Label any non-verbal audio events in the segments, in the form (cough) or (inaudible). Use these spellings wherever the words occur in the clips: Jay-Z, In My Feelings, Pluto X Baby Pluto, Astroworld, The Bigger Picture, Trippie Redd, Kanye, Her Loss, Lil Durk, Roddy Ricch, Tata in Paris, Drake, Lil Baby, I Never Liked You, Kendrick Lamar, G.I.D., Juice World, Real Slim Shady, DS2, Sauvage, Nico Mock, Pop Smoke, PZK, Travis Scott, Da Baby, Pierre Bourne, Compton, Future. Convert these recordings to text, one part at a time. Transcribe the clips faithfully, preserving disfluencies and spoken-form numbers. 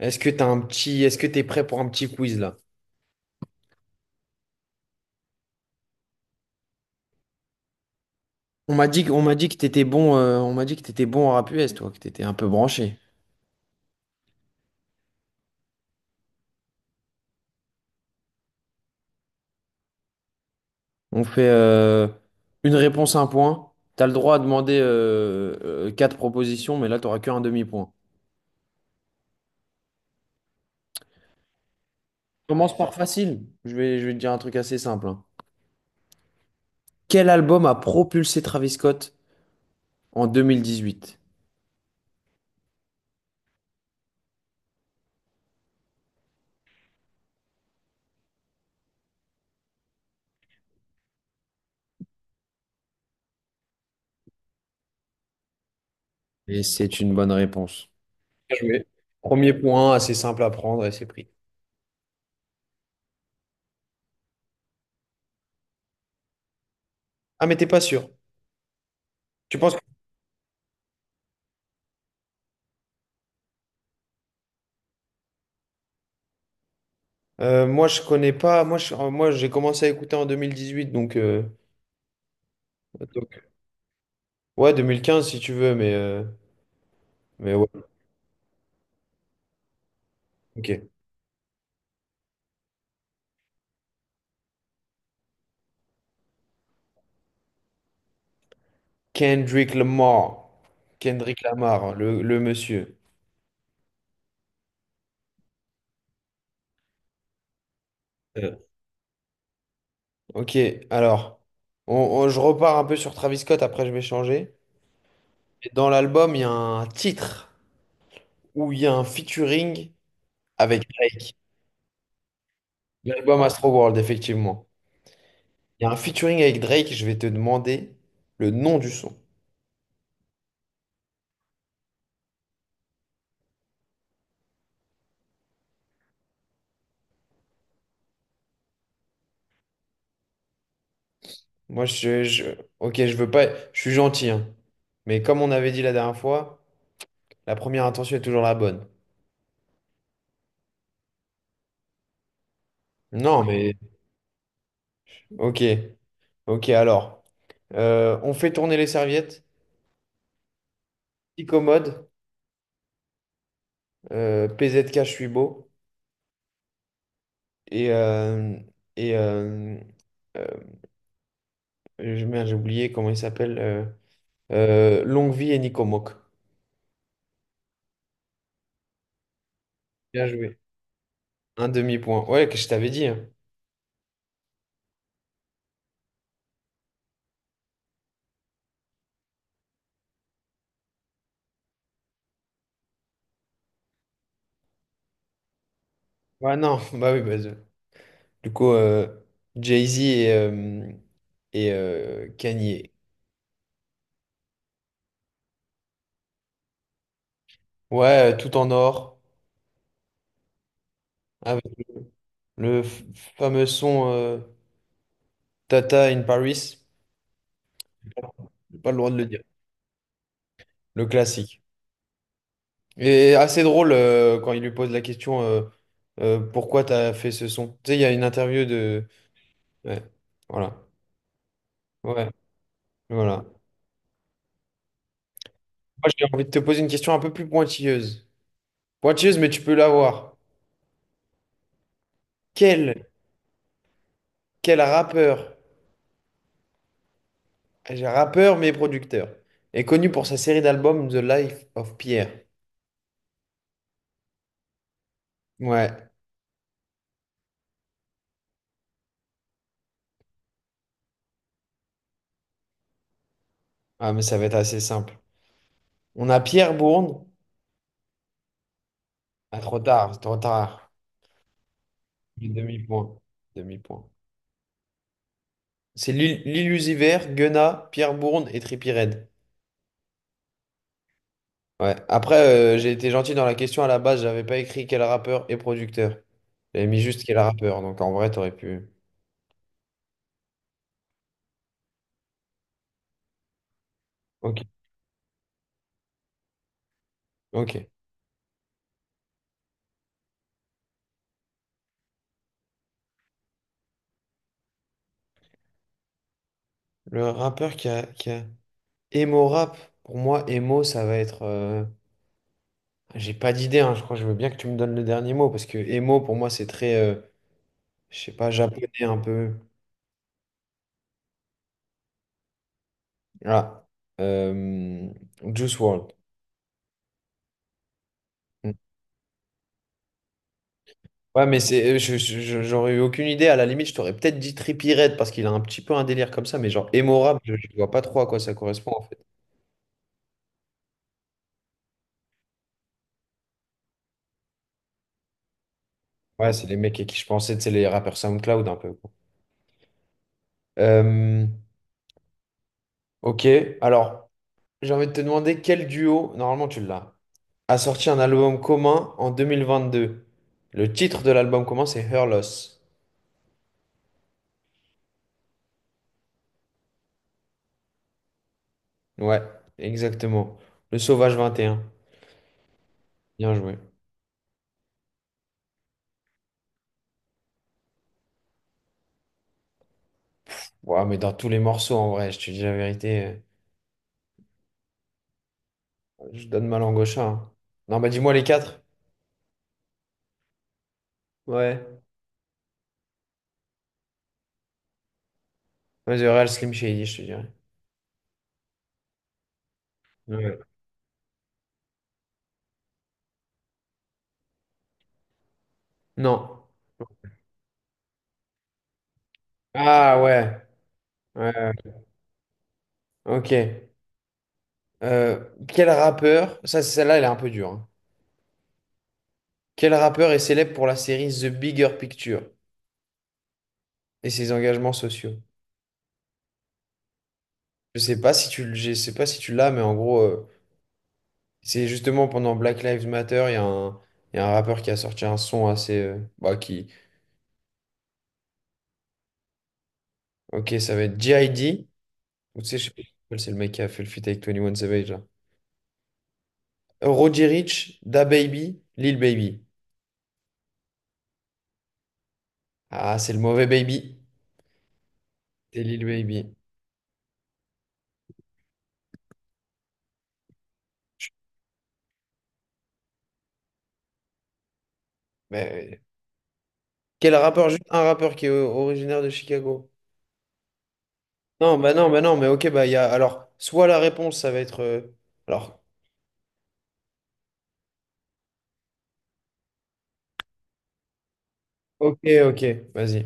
Est-ce que t'as un petit, est-ce que t'es prêt pour un petit quiz là? On m'a dit, que- on m'a dit que t'étais bon, euh, on m'a dit que t'étais bon en rap U S, toi, que t'étais un peu branché. On fait euh, une réponse un point. T'as le droit à demander euh, euh, quatre propositions, mais là t'auras qu'un demi-point. Commence par facile. Je vais, je vais te dire un truc assez simple, hein. Quel album a propulsé Travis Scott en deux mille dix-huit? Et c'est une bonne réponse. Bien joué. Premier point, assez simple à prendre et c'est pris. Ah mais t'es pas sûr. Tu penses que Euh, moi, je connais pas. Moi, je- euh, moi, j'ai commencé à écouter en deux mille dix-huit, donc, euh, donc- ouais, deux mille quinze si tu veux, mais euh, mais ouais, ok. Kendrick Lamar, Kendrick Lamar, hein, le, le monsieur. Euh, Ok, alors, on- on- je repars un peu sur Travis Scott. Après, je vais changer. Et dans l'album, il y a un titre où il y a un featuring avec Drake. L'album Astroworld, effectivement. Il y a un featuring avec Drake. Je vais te demander le nom du son. Moi, je, je- ok, je veux pas, je suis gentil, hein. Mais comme on avait dit la dernière fois, la première intention est toujours la bonne. Non. Oui. Mais ok, ok, alors, Euh, on fait tourner les serviettes, petit commode, euh, P Z K, je suis beau, et, euh, et euh, euh, je- merde, j'ai oublié comment il s'appelle, euh, euh, Longue Vie et Nico Mock. Bien joué. Un demi-point. Ouais, que je t'avais dit, hein. Ouais, non, (laughs) bah oui, bah, du coup, euh, Jay-Z et, euh, et euh, Kanye. Ouais, euh, tout en or, avec le f- fameux son euh, Tata in Paris. J'ai pas le droit de le dire. Le classique. Et assez drôle euh, quand il lui pose la question euh, euh, pourquoi t'as fait ce son? Tu sais, il y a une interview de. Ouais, voilà. Ouais, voilà. Moi, j'ai envie de te poser une question un peu plus pointilleuse. Pointilleuse, mais tu peux l'avoir. Quel, quel rappeur, j'ai rappeur mais producteur, est connu pour sa série d'albums The Life of Pierre. Ouais, ah, mais ça va être assez simple. On a Pierre Bourne. Ah, trop tard, trop tard. Demi-point. Demi-point. C'est l'il- l'illusiver, Guena, Pierre Bourne et Trippie Redd. Ouais. Après, euh, j'ai été gentil dans la question, à la base j'avais pas écrit quel rappeur et producteur. J'avais mis juste quel rappeur, donc en vrai, t'aurais pu. Ok. Ok. Le rappeur qui a, qui a... Emo rap, pour moi, emo, ça va être, euh, j'ai pas d'idée, hein. Je crois que je veux bien que tu me donnes le dernier mot parce que emo pour moi c'est très, euh, je sais pas, japonais un peu. Ah, euh, Juice World. Mm. Ouais, mais c'est, euh, je- je- je- j'aurais eu aucune idée. À la limite, je t'aurais peut-être dit Trippie Redd parce qu'il a un petit peu un délire comme ça, mais genre emo rap, je, je vois pas trop à quoi ça correspond en fait. Ouais, c'est les mecs à qui je pensais, c'est les rappeurs SoundCloud un peu, quoi. Euh, ok, alors j'ai envie de te demander quel duo, normalement tu l'as, a sorti un album commun en deux mille vingt-deux. Le titre de l'album commun, c'est Her Loss. Ouais, exactement. Le Sauvage vingt et un. Bien joué. Ouais, mais dans tous les morceaux, en vrai, je te dis la vérité, euh, je donne ma langue au chat, hein. Non, bah dis-moi les quatre. Ouais. Vas-y, Real Slim Shady, je te dirais. Ouais. Non. Ah ouais. Ouais, ouais. Ok. Euh, quel rappeur, ça celle-là elle est un peu dure, hein. Quel rappeur est célèbre pour la série The Bigger Picture et ses engagements sociaux? Je sais pas si tu, le- je sais pas si tu l'as, mais en gros, euh, c'est justement pendant Black Lives Matter, il y a un, il y a un rappeur qui a sorti un son assez, euh, bah, qui, ok, ça va être G I D. Ou tu sais, je sais pas comment il s'appelle, c'est le mec qui a fait le feat avec vingt et un Savage là. Euh, Roddy Ricch, Da Baby, Lil Baby. Ah, c'est le mauvais Baby, c'est Lil Baby. Mais quel rappeur, juste un rappeur qui est o- originaire de Chicago. Non, bah non, bah non, mais ok, bah il y a, alors, soit la réponse, ça va être, euh, alors, ok, ok, vas-y,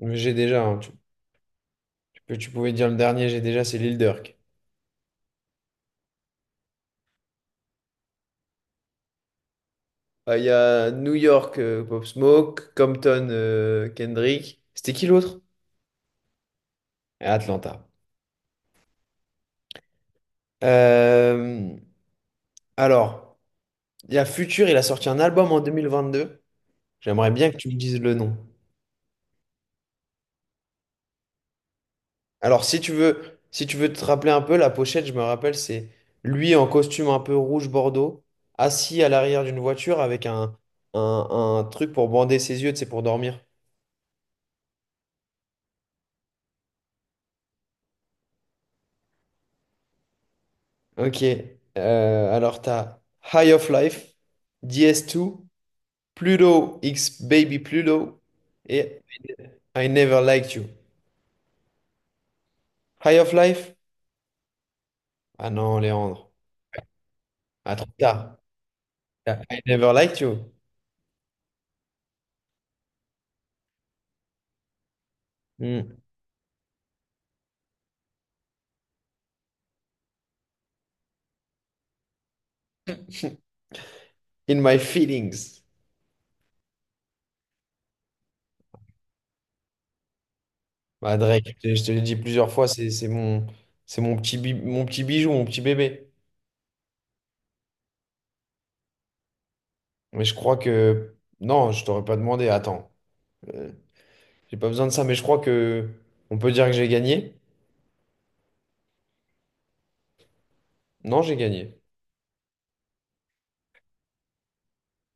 j'ai déjà, hein, tu- Que tu pouvais dire le dernier, j'ai déjà, c'est Lil Durk. Euh, Il y a New York, euh, Pop Smoke, Compton, euh, Kendrick. C'était qui l'autre? Et Atlanta. Euh, alors, il y a Future, il a sorti un album en deux mille vingt-deux. J'aimerais bien que tu me dises le nom. Alors, si tu veux, si tu veux te rappeler un peu, la pochette, je me rappelle, c'est lui en costume un peu rouge bordeaux, assis à l'arrière d'une voiture avec un, un, un truc pour bander ses yeux, c'est pour dormir. Ok. Euh, alors, t'as High of Life, D S deux, Pluto X Baby Pluto et I Never Liked You. High of Life? Ah non, Léandre. Ah, trop tard. T'as I Never Liked You. Hmm. In My Feelings. Bah, Drake, je te je te l'ai dit plusieurs fois, c'est c'est mon, c'est mon petit, bi- mon petit bijou, mon petit bébé. Mais je crois que. Non, je t'aurais pas demandé. Attends. Euh, j'ai pas besoin de ça, mais je crois que. On peut dire que j'ai gagné? Non, j'ai gagné.